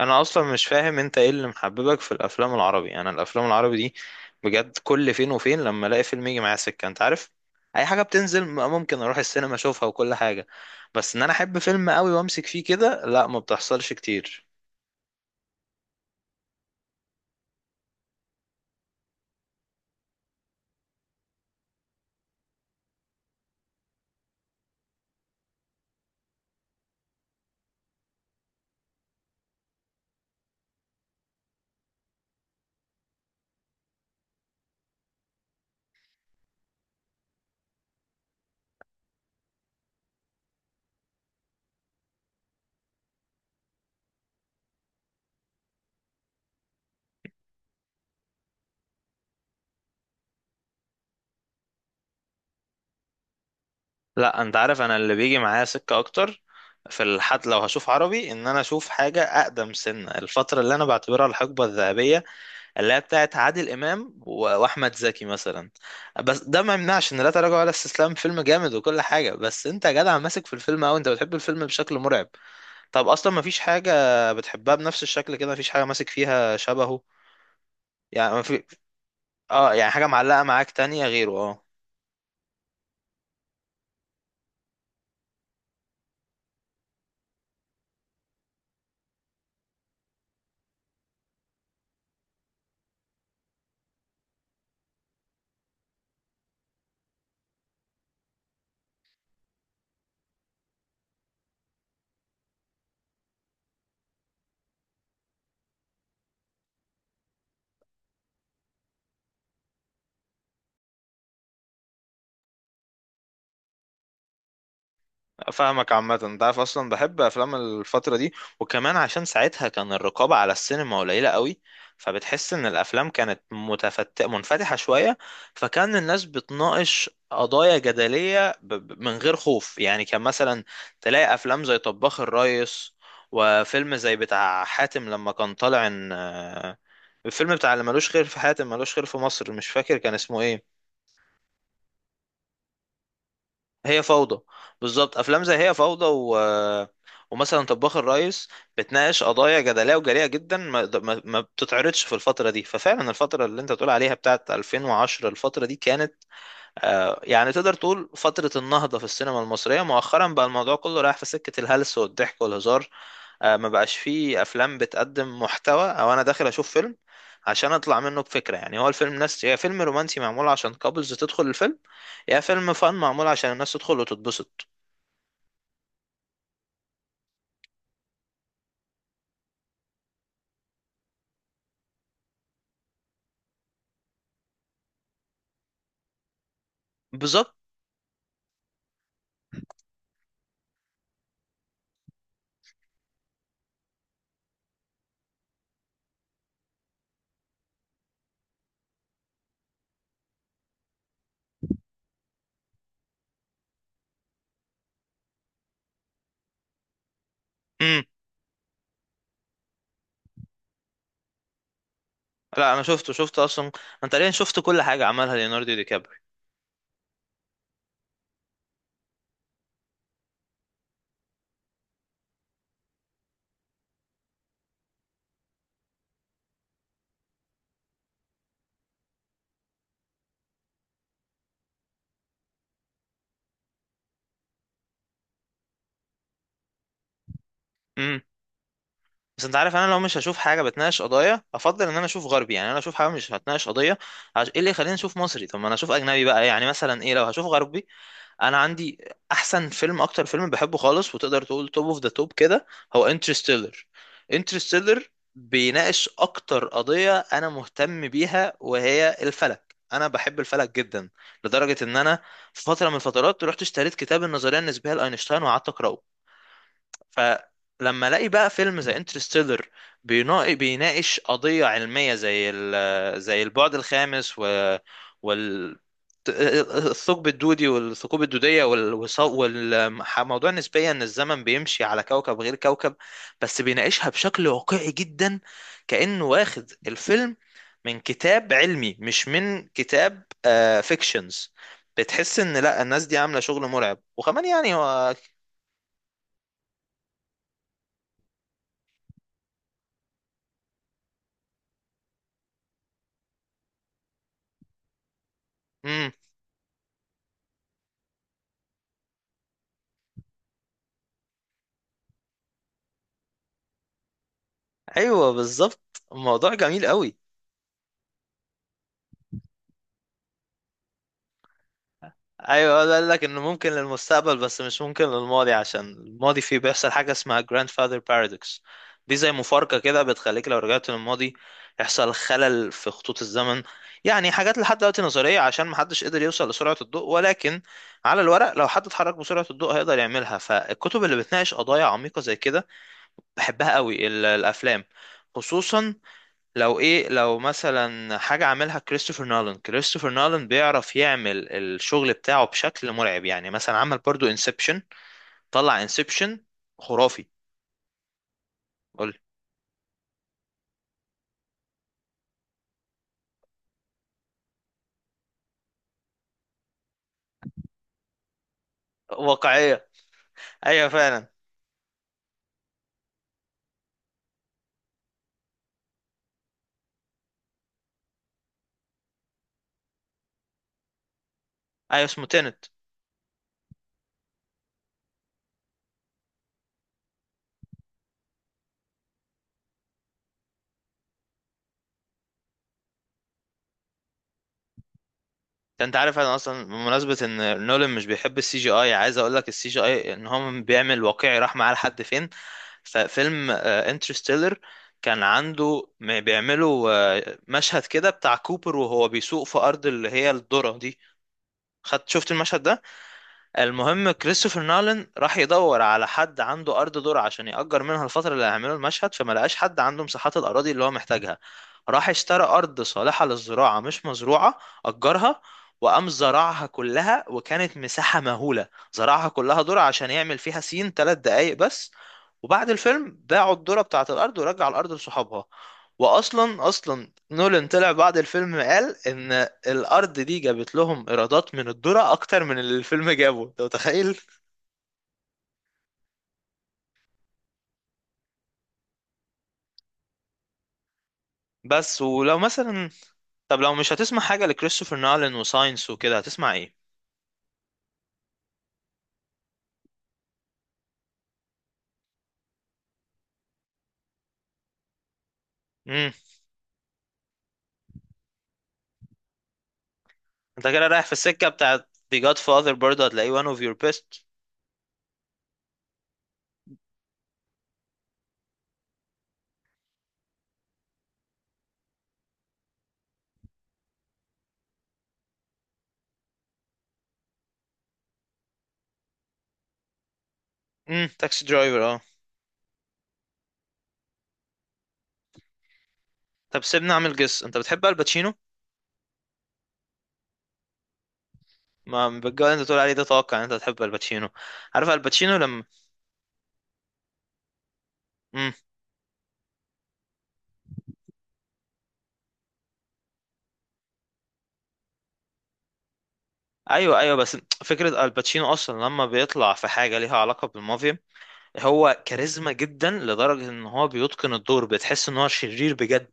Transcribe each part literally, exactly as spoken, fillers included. انا اصلا مش فاهم انت ايه اللي محببك في الافلام العربي. انا الافلام العربي دي بجد كل فين وفين لما الاقي فيلم يجي معايا سكه، انت عارف اي حاجه بتنزل م- ممكن اروح السينما اشوفها وكل حاجه. بس ان انا احب فيلم قوي وامسك فيه كده، لا، ما بتحصلش كتير. لا، انت عارف انا اللي بيجي معايا سكه اكتر في الحد لو هشوف عربي ان انا اشوف حاجه اقدم سنه، الفتره اللي انا بعتبرها الحقبه الذهبيه اللي هي بتاعت عادل امام و- واحمد زكي مثلا. بس ده ما يمنعش ان لا تراجع ولا استسلام فيلم جامد وكل حاجه، بس انت يا جدع ماسك في الفيلم او انت بتحب الفيلم بشكل مرعب؟ طب اصلا ما فيش حاجه بتحبها بنفس الشكل كده، ما فيش حاجه ماسك فيها شبهه. يعني ما في. اه، يعني حاجه معلقه معاك تانية غيره؟ اه. فاهمك عامة. انت عارف اصلا بحب افلام الفترة دي وكمان عشان ساعتها كان الرقابة على السينما قليلة قوي، فبتحس ان الافلام كانت متفت... منفتحة شوية، فكان الناس بتناقش قضايا جدلية ب... ب- من غير خوف. يعني كان مثلا تلاقي افلام زي طباخ الريس وفيلم زي بتاع حاتم لما كان طالع ان، آه، الفيلم بتاع اللي ملوش خير في حاتم ملوش خير في مصر، مش فاكر كان اسمه ايه. هي فوضى، بالظبط. افلام زي هي فوضى و... ومثلا طباخ الريس بتناقش قضايا جدليه وجريئه جدا ما... ما... ما بتتعرضش في الفتره دي. ففعلا الفتره اللي انت تقول عليها بتاعت ألفين وعشرة، الفتره دي كانت آه، يعني تقدر تقول فتره النهضه في السينما المصريه. مؤخرا بقى الموضوع كله رايح في سكه الهلس والضحك والهزار. آه، ما بقاش فيه افلام بتقدم محتوى، او انا داخل اشوف فيلم عشان اطلع منه بفكره. يعني هو الفيلم ناس، يا فيلم رومانسي معمول عشان كابلز تدخل الفيلم، يا فيلم فن معمول عشان الناس تدخل وتتبسط. بالظبط. امم. لا، انا شفته، شفت اصلا انا تقريبا شفت كل حاجه عملها ليوناردو دي كابري. امم. بس انت عارف انا لو مش هشوف حاجه بتناقش قضايا، افضل ان انا اشوف غربي. يعني انا اشوف حاجه مش هتناقش قضيه، عش... ايه اللي يخليني اشوف مصري؟ طب ما انا اشوف اجنبي بقى. يعني مثلا ايه، لو هشوف غربي انا عندي احسن فيلم، اكتر فيلم بحبه خالص وتقدر تقول توب اوف ذا توب كده، هو انترستيلر انترستيلر بيناقش اكتر قضية انا مهتم بيها وهي الفلك، انا بحب الفلك جدا لدرجة ان انا في فترة من الفترات رحت اشتريت كتاب النظرية النسبية لاينشتاين وقعدت اقراه. فلما الاقي بقى فيلم زي انترستيلر بيناقش قضية علمية زي ال- زي البعد الخامس و وال الثقب الدودي والثقوب الدودية والموضوع النسبية إن الزمن بيمشي على كوكب غير كوكب، بس بيناقشها بشكل واقعي جدا، كأنه واخد الفيلم من كتاب علمي مش من كتاب فيكشنز. بتحس إن لا، الناس دي عاملة شغل مرعب، وكمان يعني هو ايوه بالظبط، الموضوع جميل قوي. ايوه، هو قال لك انه ممكن للمستقبل بس مش ممكن للماضي عشان الماضي فيه بيحصل حاجه اسمها grandfather paradox. دي زي مفارقه كده بتخليك لو رجعت للماضي يحصل خلل في خطوط الزمن. يعني حاجات لحد دلوقتي نظريه عشان محدش قدر يوصل لسرعه الضوء، ولكن على الورق لو حد اتحرك بسرعه الضوء هيقدر يعملها. فالكتب اللي بتناقش قضايا عميقه زي كده بحبها قوي، ال- الافلام خصوصا لو ايه، لو مثلا حاجة عاملها كريستوفر نولان. كريستوفر نولان بيعرف يعمل الشغل بتاعه بشكل مرعب، يعني مثلا عمل برضو انسبشن. طلع انسبشن خرافي. قول. واقعية. ايوه فعلا. ايوه، اسمه تينت. ده انت عارف انا اصلا بمناسبة ان نولان مش بيحب السي جي اي، عايز اقول لك السي جي اي ان هو بيعمل واقعي راح معاه لحد فين. ففيلم انترستيلر كان عنده م- بيعملوا آه، مشهد كده بتاع كوبر وهو بيسوق في ارض اللي هي الذرة دي. خدت شفت المشهد ده؟ المهم كريستوفر نولان راح يدور على حد عنده ارض ذرة عشان يأجر منها الفترة اللي هيعملوا المشهد، فما لقاش حد عنده مساحات الاراضي اللي هو محتاجها. راح اشترى ارض صالحة للزراعة مش مزروعة، أجرها، وقام زرعها كلها، وكانت مساحة مهولة، زرعها كلها ذرة عشان يعمل فيها سين ثلاث دقايق بس. وبعد الفيلم باعوا الذرة بتاعة الارض ورجع الارض لصحابها. واصلا اصلا نولان طلع بعد الفيلم قال ان الارض دي جابت لهم ايرادات من الذرة اكتر من اللي الفيلم جابه. انت متخيل؟ بس ولو مثلا. طب لو مش هتسمع حاجة لكريستوفر نولان وساينس وكده هتسمع ايه؟ امم. انت كده رايح في السكة بتاعت The Godfather، برضه هتلاقيه one of your best. امم. تاكسي درايفر، اه. طب سيبني اعمل جس، انت بتحب الباتشينو. ما بالجو اللي انت تقول عليه ده توقع ان انت بتحب الباتشينو. عارف الباتشينو لما. امم. ايوه ايوه. بس فكرة الباتشينو اصلا لما بيطلع في حاجة ليها علاقة بالمافيا، هو كاريزما جدا لدرجة ان هو بيتقن الدور، بتحس ان هو شرير بجد.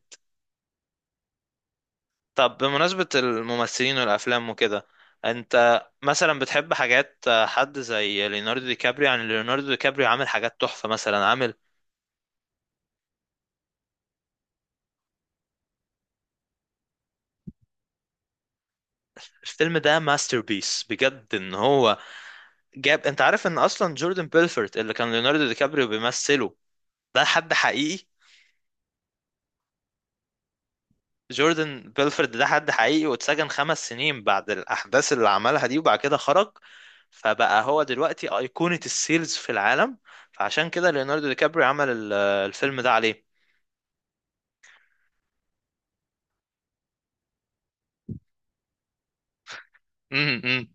طب بمناسبة الممثلين والافلام وكده، انت مثلا بتحب حاجات حد زي ليوناردو دي كابريو؟ يعني ليوناردو دي كابريو عامل حاجات تحفة مثلا، عامل الفيلم ده ماستر بيس بجد ان هو جاب. انت عارف ان اصلا جوردن بيلفورت اللي كان ليوناردو دي كابريو بيمثله ده حد حقيقي؟ جوردن بيلفورد ده حد حقيقي، واتسجن خمس سنين بعد الأحداث اللي عملها دي وبعد كده خرج، فبقى هو دلوقتي أيقونة السيلز في العالم. فعشان كده ليوناردو دي كابري عمل ال- الفيلم ده عليه. امم. أمم.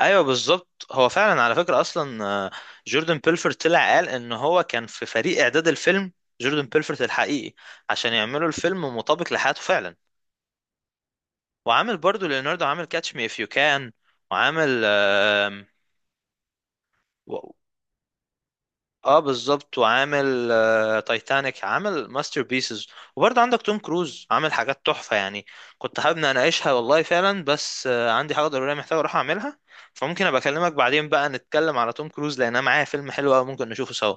ايوه بالظبط. هو فعلا على فكره اصلا، آه، جوردن بيلفورد طلع قال ان هو كان في فريق اعداد الفيلم، جوردن بيلفورد الحقيقي، عشان يعملوا الفيلم مطابق لحياته فعلا. وعامل برضو ليوناردو عامل كاتش مي اف يو كان، وعامل، اه بالظبط، وعامل آه، تايتانيك، عامل ماستر بيسز. وبرضه عندك توم كروز عامل حاجات تحفة يعني. كنت حابب إن اناقشها والله فعلا، بس آه، عندي حاجة ضرورية محتاج اروح اعملها. فممكن ابقى اكلمك بعدين، بقى نتكلم على توم كروز لان انا معايا فيلم حلو قوي ممكن نشوفه سوا.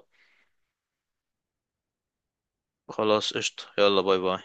خلاص قشطة، يلا باي باي.